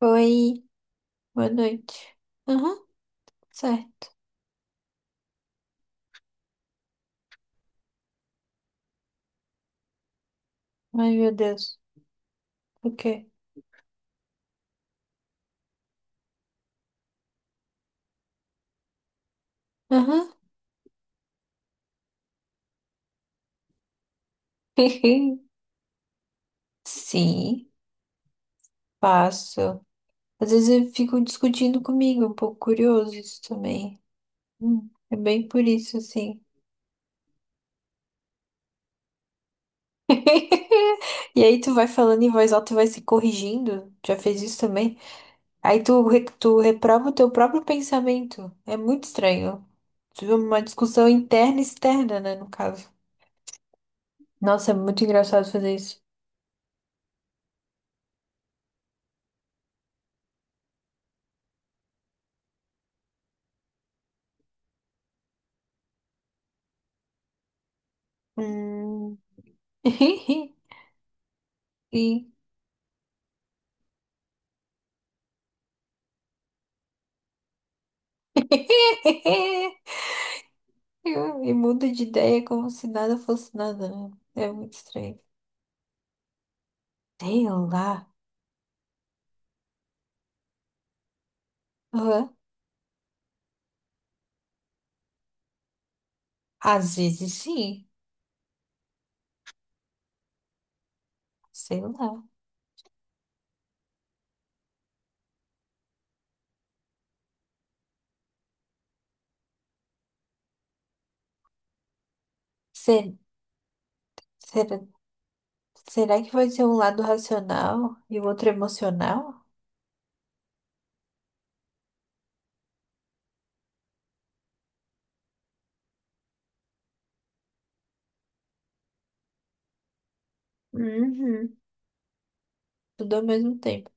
Oi, boa noite. Aham, certo. Ai, meu Deus. O quê? Aham. Sim, faço. Às vezes eu fico discutindo comigo, um pouco curioso isso também. É bem por isso, assim. E aí tu vai falando em voz alta e vai se corrigindo. Já fez isso também? Aí tu reprova o teu próprio pensamento. É muito estranho. Tive uma discussão interna e externa, né, no caso. Nossa, é muito engraçado fazer isso. Hum. E, e muda de ideia como se nada fosse nada, né? É muito estranho. Sei lá. Hã? Às vezes sim. Sei lá. Se- será, será que vai ser um lado racional e o outro emocional? Uhum. Tudo ao mesmo tempo.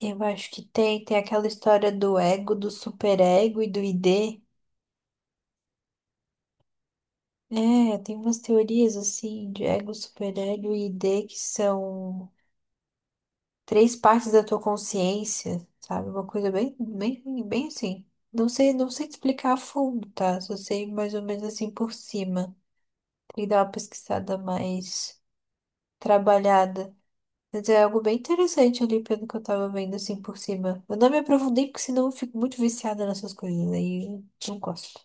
Eu acho que tem. Tem aquela história do ego, do superego e do ID. É, tem umas teorias assim de ego, superego e ID que são, três partes da tua consciência, sabe? Uma coisa bem, bem, bem assim. Não sei, não sei te explicar a fundo, tá? Só sei mais ou menos assim por cima. Tem que dar uma pesquisada mais trabalhada. Mas é algo bem interessante ali pelo que eu tava vendo assim por cima. Eu não me aprofundei porque senão eu fico muito viciada nessas coisas aí eu não gosto.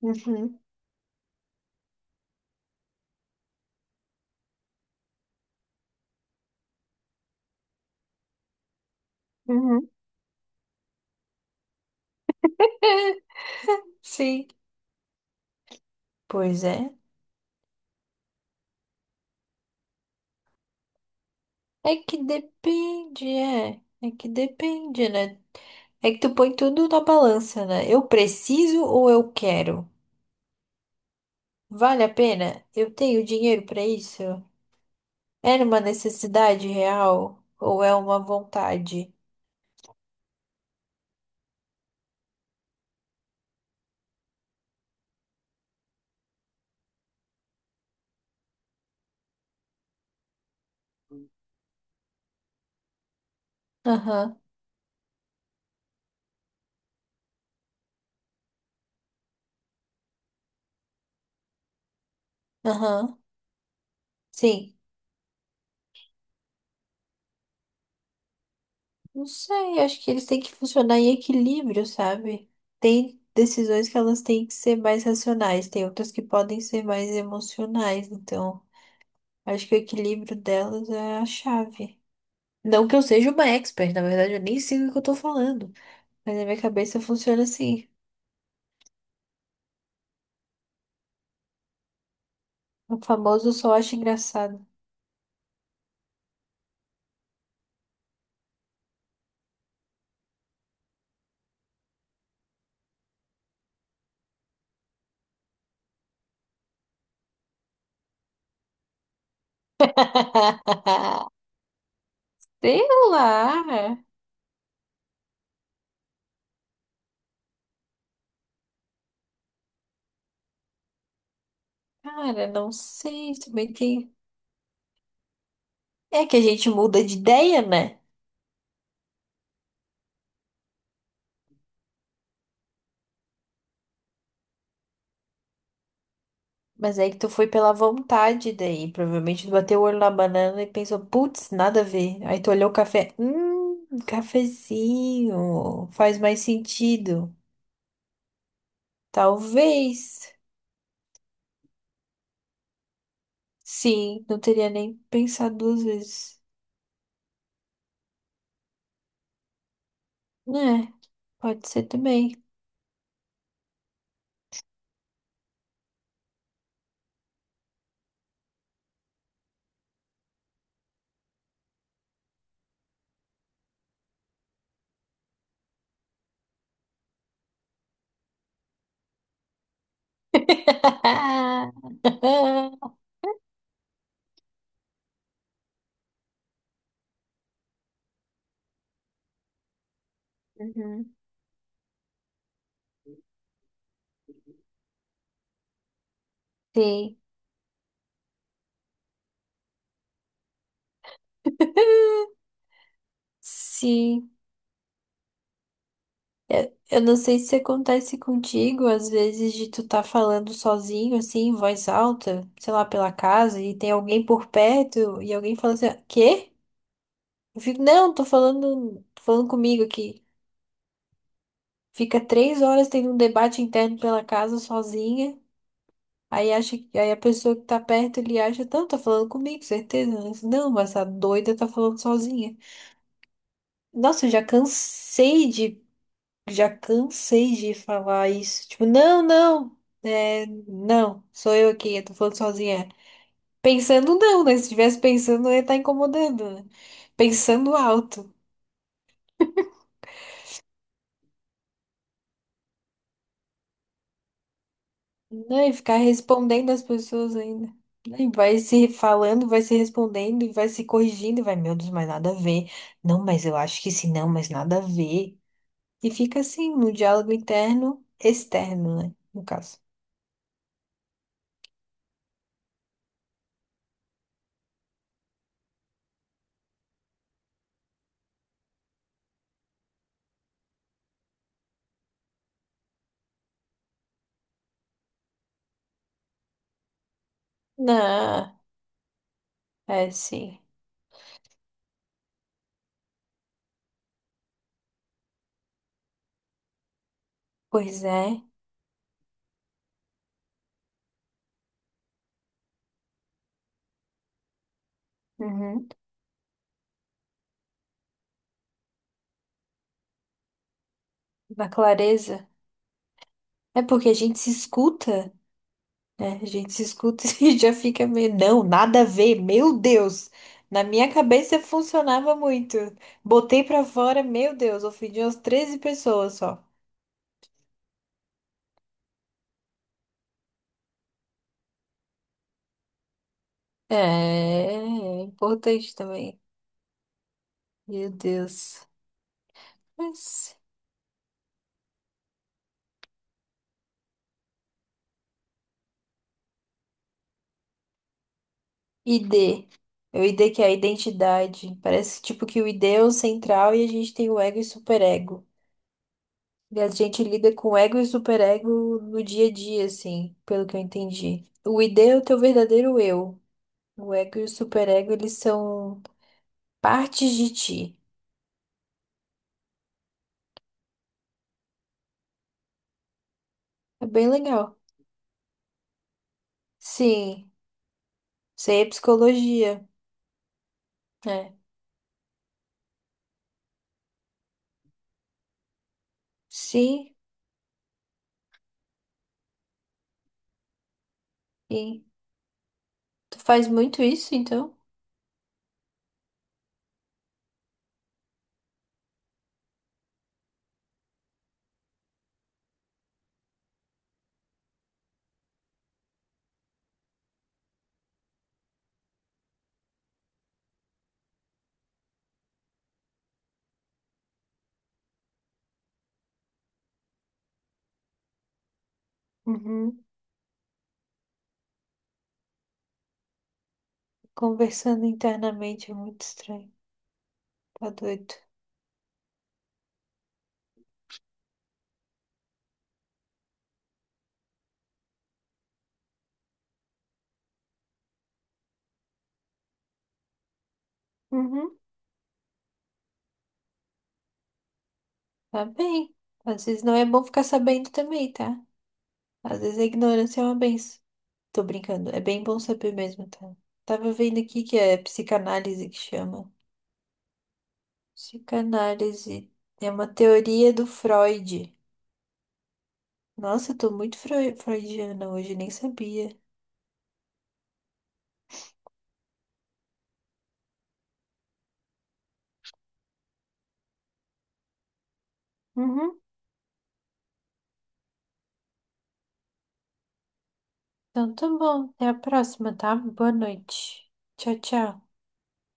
Uhum, uhum. Sim. Pois é. É que depende, é. É que depende, né? É que tu põe tudo na balança, né? Eu preciso ou eu quero? Vale a pena? Eu tenho dinheiro pra isso? Era uma necessidade real ou é uma vontade? Aham, aham. Sim. Não sei, acho que eles têm que funcionar em equilíbrio, sabe? Tem decisões que elas têm que ser mais racionais, tem outras que podem ser mais emocionais, então acho que o equilíbrio delas é a chave. Não que eu seja uma expert, na verdade, eu nem sei o que eu tô falando. Mas na minha cabeça funciona assim. O famoso só acho engraçado. Sei lá. Cara, não sei. Também tem. É que a gente muda de ideia, né? Mas aí que tu foi pela vontade daí. Provavelmente tu bateu o olho na banana e pensou, putz, nada a ver. Aí tu olhou o café. Cafezinho. Faz mais sentido. Talvez. Sim, não teria nem pensado duas vezes. É, pode ser também. Uhum. Sim. Sim, eu não sei se acontece contigo, às vezes, de tu tá falando sozinho, assim, em voz alta, sei lá, pela casa, e tem alguém por perto, e alguém fala assim, quê? Eu fico, não, tô falando comigo aqui. Fica 3 horas tendo um debate interno pela casa sozinha, aí acha, aí a pessoa que tá perto, ele acha, não, tá falando comigo, certeza. Eu falo assim, não, mas essa doida tá falando sozinha. Nossa, eu já cansei de Já cansei de falar isso. Tipo, não, não, é, não, sou eu aqui, eu tô falando sozinha. Pensando não, né? Se estivesse pensando, eu ia estar incomodando, né? Pensando alto. Não, e ficar respondendo as pessoas ainda. Né, e vai se falando, vai se respondendo, e vai se corrigindo, e vai, meu Deus, mas nada a ver. Não, mas eu acho que sim, não, mas nada a ver. E fica assim, no diálogo interno, externo, né? No caso. Não, é sim. Pois é. Uhum. Na clareza. É porque a gente se escuta, né? A gente se escuta e já fica meio, não, nada a ver, meu Deus. Na minha cabeça funcionava muito. Botei pra fora, meu Deus, ofendi umas 13 pessoas só. É, é importante também. Meu Deus. Mas ID. É o ID que é a identidade. Parece tipo que o ID é o central e a gente tem o ego e superego. E a gente lida com ego e superego no dia a dia, assim, pelo que eu entendi. O ID é o teu verdadeiro eu. O ego e o superego, eles são partes de ti. É bem legal. Sim, isso aí é psicologia. É. Sim, sim. Tu faz muito isso, então? Uhum. Conversando internamente é muito estranho. Tá doido. Uhum. Tá bem. Às vezes não é bom ficar sabendo também, tá? Às vezes a ignorância é uma benção. Tô brincando. É bem bom saber mesmo, tá? Tava vendo aqui que é psicanálise que chama. Psicanálise é uma teoria do Freud. Nossa, eu tô muito freudiana hoje, nem sabia. Uhum. Então tá bom. Até a próxima, tá? Boa noite. Tchau, tchau.